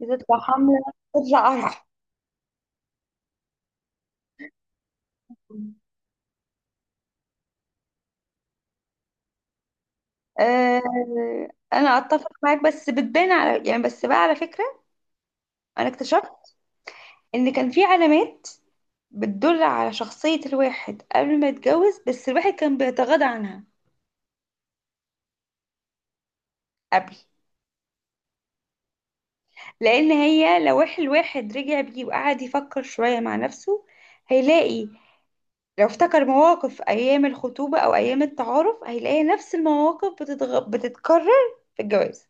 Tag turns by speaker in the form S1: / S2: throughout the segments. S1: بتطلع حملة. بتطلع قرع. آه، انا اتفق معاك، بس بتبان على، يعني، بس بقى على فكرة. انا اكتشفت ان كان في علامات بتدل على شخصية الواحد قبل ما يتجوز، بس الواحد كان بيتغاضى عنها. قبل. لان هي لو الواحد رجع بيه وقعد يفكر شوية مع نفسه هيلاقي. لو افتكر مواقف ايام الخطوبة او ايام التعارف هيلاقي نفس المواقف بتتكرر في الجواز.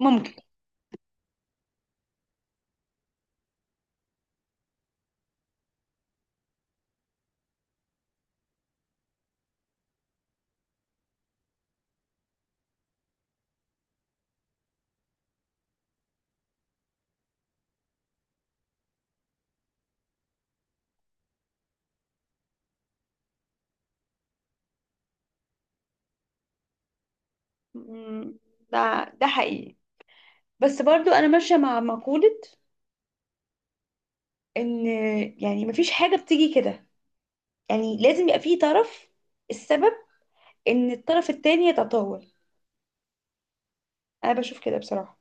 S1: ممكن. مم، ده ده حقيقي. بس برضو انا ماشيه مع مقوله ان، يعني، مفيش حاجه بتيجي كده. يعني لازم يبقى في طرف، السبب ان الطرف التاني يتطاول. انا بشوف كده بصراحه.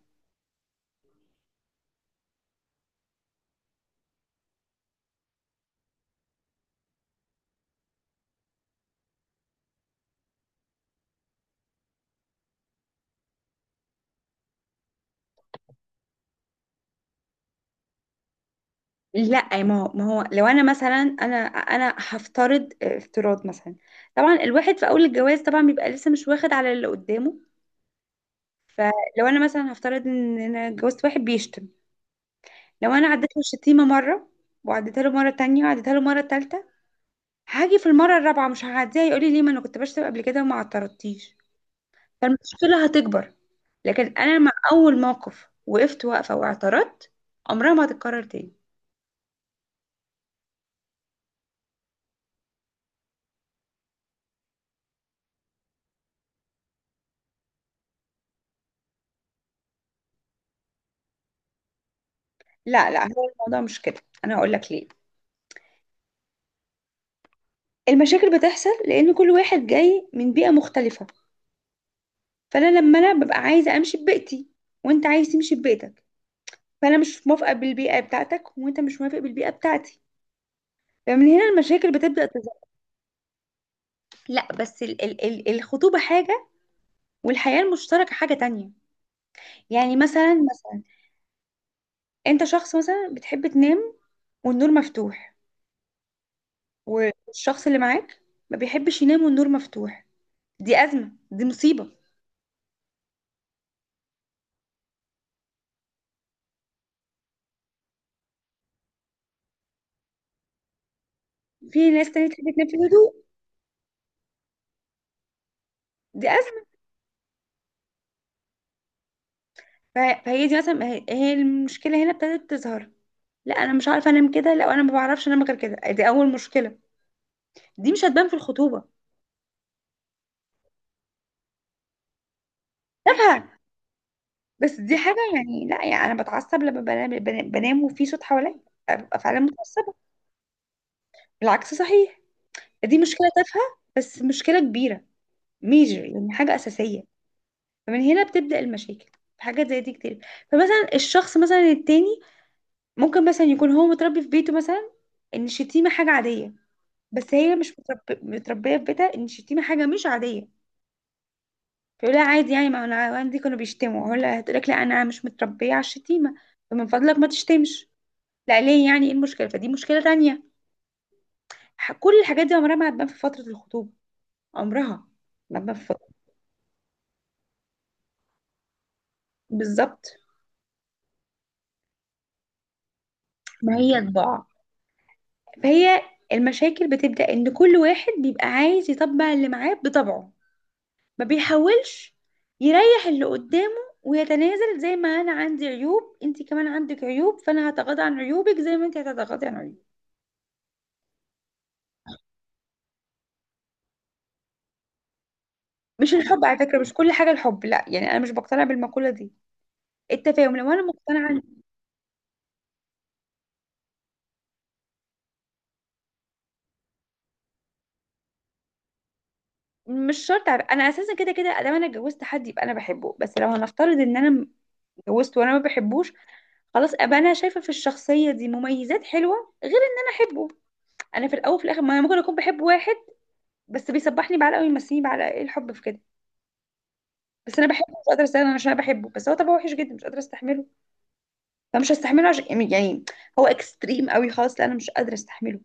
S1: لا، ما هو لو انا مثلا، انا هفترض افتراض مثلا. طبعا الواحد في اول الجواز طبعا بيبقى لسه مش واخد على اللي قدامه. فلو انا مثلا هفترض ان انا اتجوزت واحد بيشتم. لو انا عديت له الشتيمه مره، وعديتها له مره تانية، وعديتها له مره تالتة، هاجي في المره الرابعه مش هعديها، يقول لي: ليه؟ ما انا كنت بشتم قبل كده وما اعترضتيش. فالمشكلة هتكبر. لكن أنا مع أول موقف وقفت واقفة واعترضت، عمرها ما هتتكرر تاني. لا لا، هو الموضوع مش كده. أنا هقول لك ليه. المشاكل بتحصل لأن كل واحد جاي من بيئة مختلفة. فأنا لما أنا ببقى عايزة أمشي ببيئتي، وأنت عايز تمشي ببيئتك، فأنا مش موافقة بالبيئة بتاعتك، وأنت مش موافق بالبيئة بتاعتي، فمن هنا المشاكل بتبدأ تظهر. لا بس ال ال ال الخطوبة حاجة، والحياة المشتركة حاجة تانية. يعني مثلا، مثلا، انت شخص مثلا بتحب تنام والنور مفتوح، والشخص اللي معاك ما بيحبش ينام والنور مفتوح، دي أزمة، دي مصيبة. في ناس تانية تحب تنام في الهدوء. دي أزمة. فهي دي مثلا، هي المشكلة هنا ابتدت تظهر. لا، أنا مش عارفة أنام كده، لا أنا ما بعرفش أنام غير كده، دي أول مشكلة، دي مش هتبان في الخطوبة. تافهة، بس دي حاجة، يعني، لا، يعني أنا بتعصب لما بنام، بنام وفي صوت حواليا أبقى فعلا متعصبة. العكس صحيح. دي مشكلة تافهة بس مشكلة كبيرة، ميجر، يعني حاجة أساسية. فمن هنا بتبدأ المشاكل. في حاجات زي دي كتير. فمثلا الشخص مثلا التاني ممكن مثلا يكون هو متربي في بيته مثلا ان الشتيمة حاجة عادية، بس هي مش مترب... متربية في بيتها ان الشتيمة حاجة مش عادية. فيقول لها عادي يعني، ما انا عندي كانوا بيشتموا، هقول لها هتقول لك: لا، انا مش متربية على الشتيمة، فمن فضلك ما تشتمش. لا ليه؟ يعني ايه المشكلة؟ فدي مشكلة تانية. كل الحاجات دي عمرها ما هتبان في فترة الخطوبة، عمرها ما هتبان في فترة. بالظبط. ما هي طباع، فهي المشاكل بتبدأ إن كل واحد بيبقى عايز يطبع اللي معاه بطبعه، ما بيحاولش يريح اللي قدامه ويتنازل. زي ما أنا عندي عيوب، أنت كمان عندك عيوب، فأنا هتغاضى عن عيوبك زي ما أنت هتتغاضي عن عيوبي. مش الحب على فكرة، مش كل حاجة الحب، لا، يعني أنا مش بقتنع بالمقولة دي. التفاهم، لو أنا مقتنعة، مش شرط، عارف. أنا أساسا كده كده أدام أنا اتجوزت حد يبقى أنا بحبه، بس لو هنفترض إن أنا اتجوزت وأنا ما بحبوش، خلاص أبقى أنا شايفة في الشخصية دي مميزات حلوة غير إن أنا أحبه. انا في الاول وفي الاخر ما انا ممكن اكون بحب واحد بس بيسبحني بعلقه ويمسيني بعلقه، ايه الحب في كده؟ بس انا بحبه مش قادره استغنى عشان انا بحبه، بس هو طبعا وحش جدا مش قادره استحمله، فمش هستحمله عشان، يعني، يعني هو اكستريم قوي خالص، لا انا مش قادره استحمله.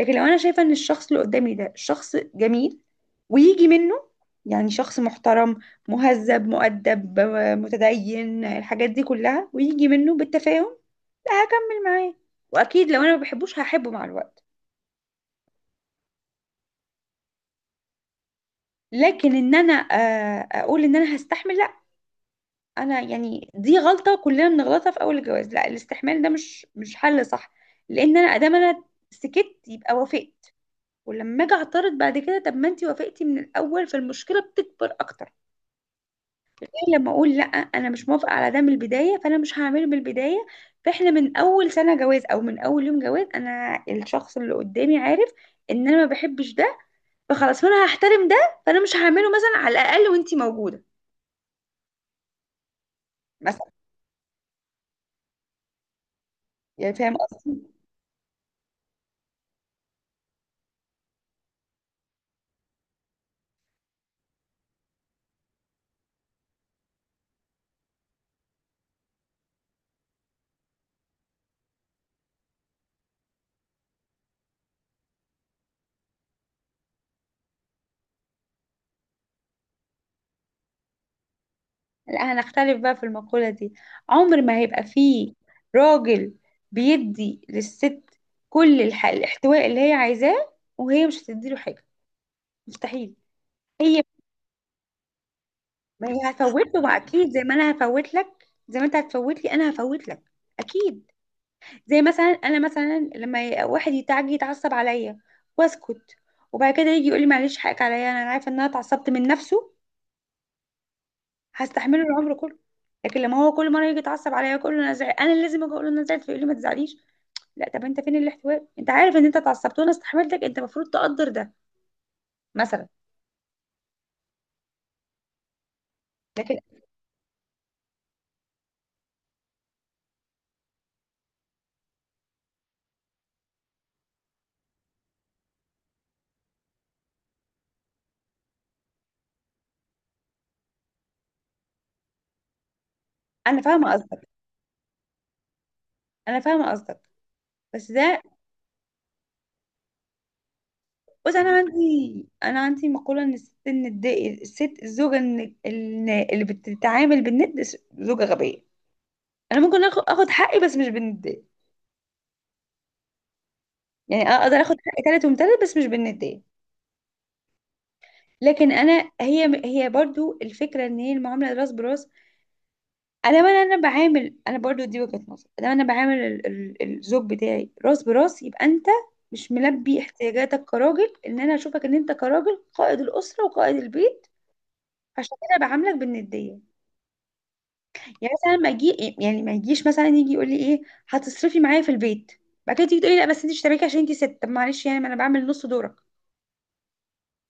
S1: لكن لو انا شايفه ان الشخص اللي قدامي ده شخص جميل ويجي منه، يعني شخص محترم مهذب مؤدب متدين، الحاجات دي كلها ويجي منه بالتفاهم، لا هكمل معاه. واكيد لو انا ما بحبوش هحبه مع الوقت. لكن ان انا اقول ان انا هستحمل، لا. انا يعني دي غلطه كلنا بنغلطها في اول الجواز، لا الاستحمال ده مش مش حل صح. لان انا ادام انا سكت يبقى وافقت، ولما اجي اعترض بعد كده طب ما انتي وافقتي من الاول، فالمشكله بتكبر اكتر. إيه لما اقول: لا انا مش موافقه على ده من البدايه، فانا مش هعمله من البدايه، فاحنا من اول سنه جواز او من اول يوم جواز انا الشخص اللي قدامي عارف ان انا ما بحبش ده، فخلاص فانا هحترم ده، فانا مش هعمله مثلا على الاقل وانتي موجوده، مثلا. يعني فاهم قصدي. لا هنختلف بقى في المقولة دي. عمر ما هيبقى فيه راجل بيدي للست كل الاحتواء اللي هي عايزاه، وهي مش هتديله حاجة، مستحيل. هي، ما هي هتفوت له بقى اكيد زي ما انا هفوت لك، زي ما انت هتفوت لي انا هفوت لك، اكيد. زي مثلا انا، مثلا لما واحد يتعجي يتعصب عليا واسكت، وبعد كده يجي يقول لي: معلش، حقك عليا، انا عارفه ان انا اتعصبت من نفسه، هستحمله العمر كله. لكن لما هو كل مره يجي يتعصب عليا، كل انا زعل انا اللي لازم اجي اقول له انا زعلت، فيقول لي ما تزعليش، لا طب انت فين الاحتواء؟ انت عارف ان انت اتعصبت وانا استحملتك، انت المفروض تقدر ده، مثلا. لكن انا فاهمه قصدك انا فاهمه قصدك. بس ده... بص، انا عندي مقوله ان الست الند، الست الزوجه، اللي بتتعامل بالند زوجه غبيه. انا ممكن اخد حقي بس مش بالنديه. يعني اقدر اخد حقي تالت ومتلت بس مش بالنديه. لكن انا، هي برضو الفكره ان هي المعامله راس براس، ادام انا، انا بعامل، انا برضو دي وجهة نظر، ادام انا بعامل الزوج بتاعي راس براس يبقى انت مش ملبي احتياجاتك كراجل ان انا اشوفك ان انت كراجل قائد الاسره وقائد البيت، عشان كده بعاملك بالنديه. يعني مثلا ما اجي، يعني ما يجيش مثلا يجي يقول لي: ايه، هتصرفي معايا في البيت؟ بعد كده تيجي تقولي: لا بس انت اشتريكي عشان انت ست. طب معلش، يعني ما انا بعمل نص دورك،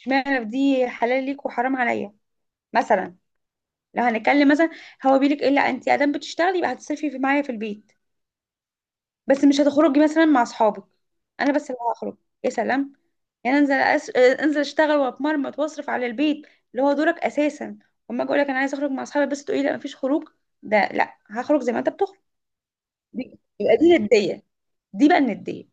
S1: اشمعنى دي حلال ليك وحرام عليا؟ مثلا. لو هنتكلم مثلا، هو بيقول لك ايه: لا، انت ادام بتشتغلي يبقى هتصرفي في معايا في البيت، بس مش هتخرجي مثلا مع اصحابك، انا بس اللي هخرج. يا سلام! يعني انزل انزل اشتغل واتمرمط واصرف على البيت، اللي هو دورك اساسا، وما اجي اقول لك انا عايزه اخرج مع اصحابي بس تقولي لا مفيش خروج، ده لا هخرج زي ما انت بتخرج. يبقى دي نديه، دي بقى النديه.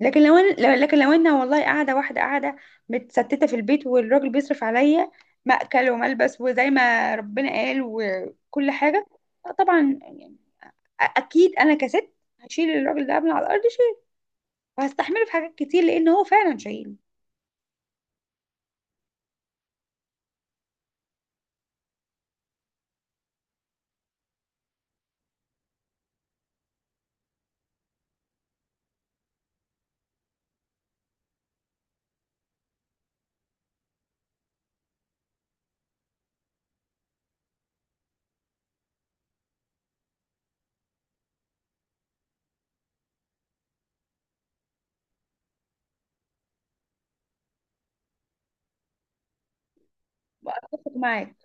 S1: لكن لو انا، لكن لو انا والله قاعده واحده، قاعده متستته في البيت والراجل بيصرف عليا مأكل وملبس وزي ما ربنا قال وكل حاجه، لا طبعا يعني، اكيد انا كست هشيل الراجل ده من على الارض، وهستحمله في حاجات كتير لان هو فعلا شهيد. اتفق معاك.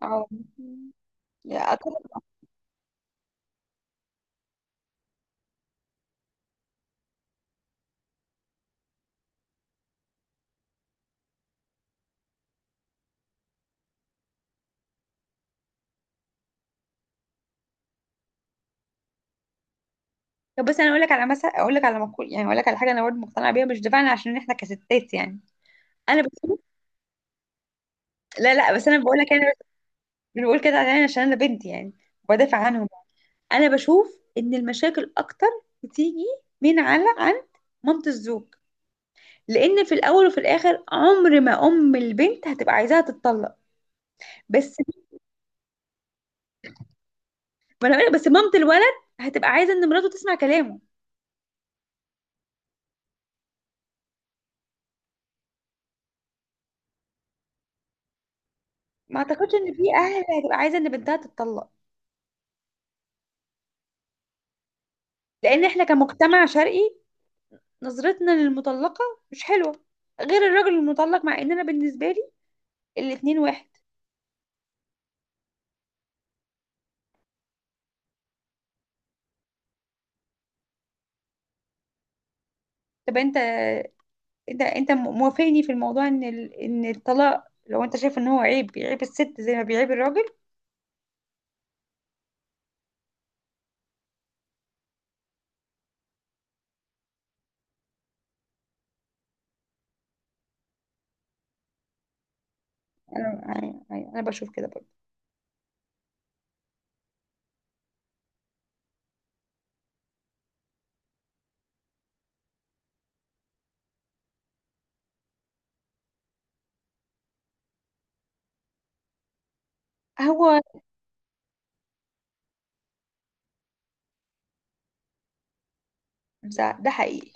S1: اه. يا أتفق. طب بس انا اقول لك على، مثلا اقول لك على مقول، يعني اقول لك على حاجه انا برضه مقتنعه بيها مش دفاعا عشان احنا كستات يعني، انا بشوف، لا لا بس انا بقول لك انا مش بقول كده يعني عشان انا بنت، يعني بدافع عنهم. انا بشوف ان المشاكل اكتر بتيجي من على عند مامة الزوج، لان في الاول وفي الاخر عمر ما ام البنت هتبقى عايزاها تتطلق. بس ما انا بقول لك بس مامة الولد هتبقى عايزه ان مراته تسمع كلامه. ما اعتقدش ان في اهل هتبقى عايزه ان بنتها تتطلق، لان احنا كمجتمع شرقي نظرتنا للمطلقه مش حلوه، غير الراجل المطلق، مع ان انا بالنسبه لي الاتنين واحد. طب انت، انت موافقني في الموضوع ان ان الطلاق لو انت شايف ان هو عيب بيعيب الست زي ما بيعيب الراجل. انا انا أنا بشوف كده برضه. هو ده حقيقي.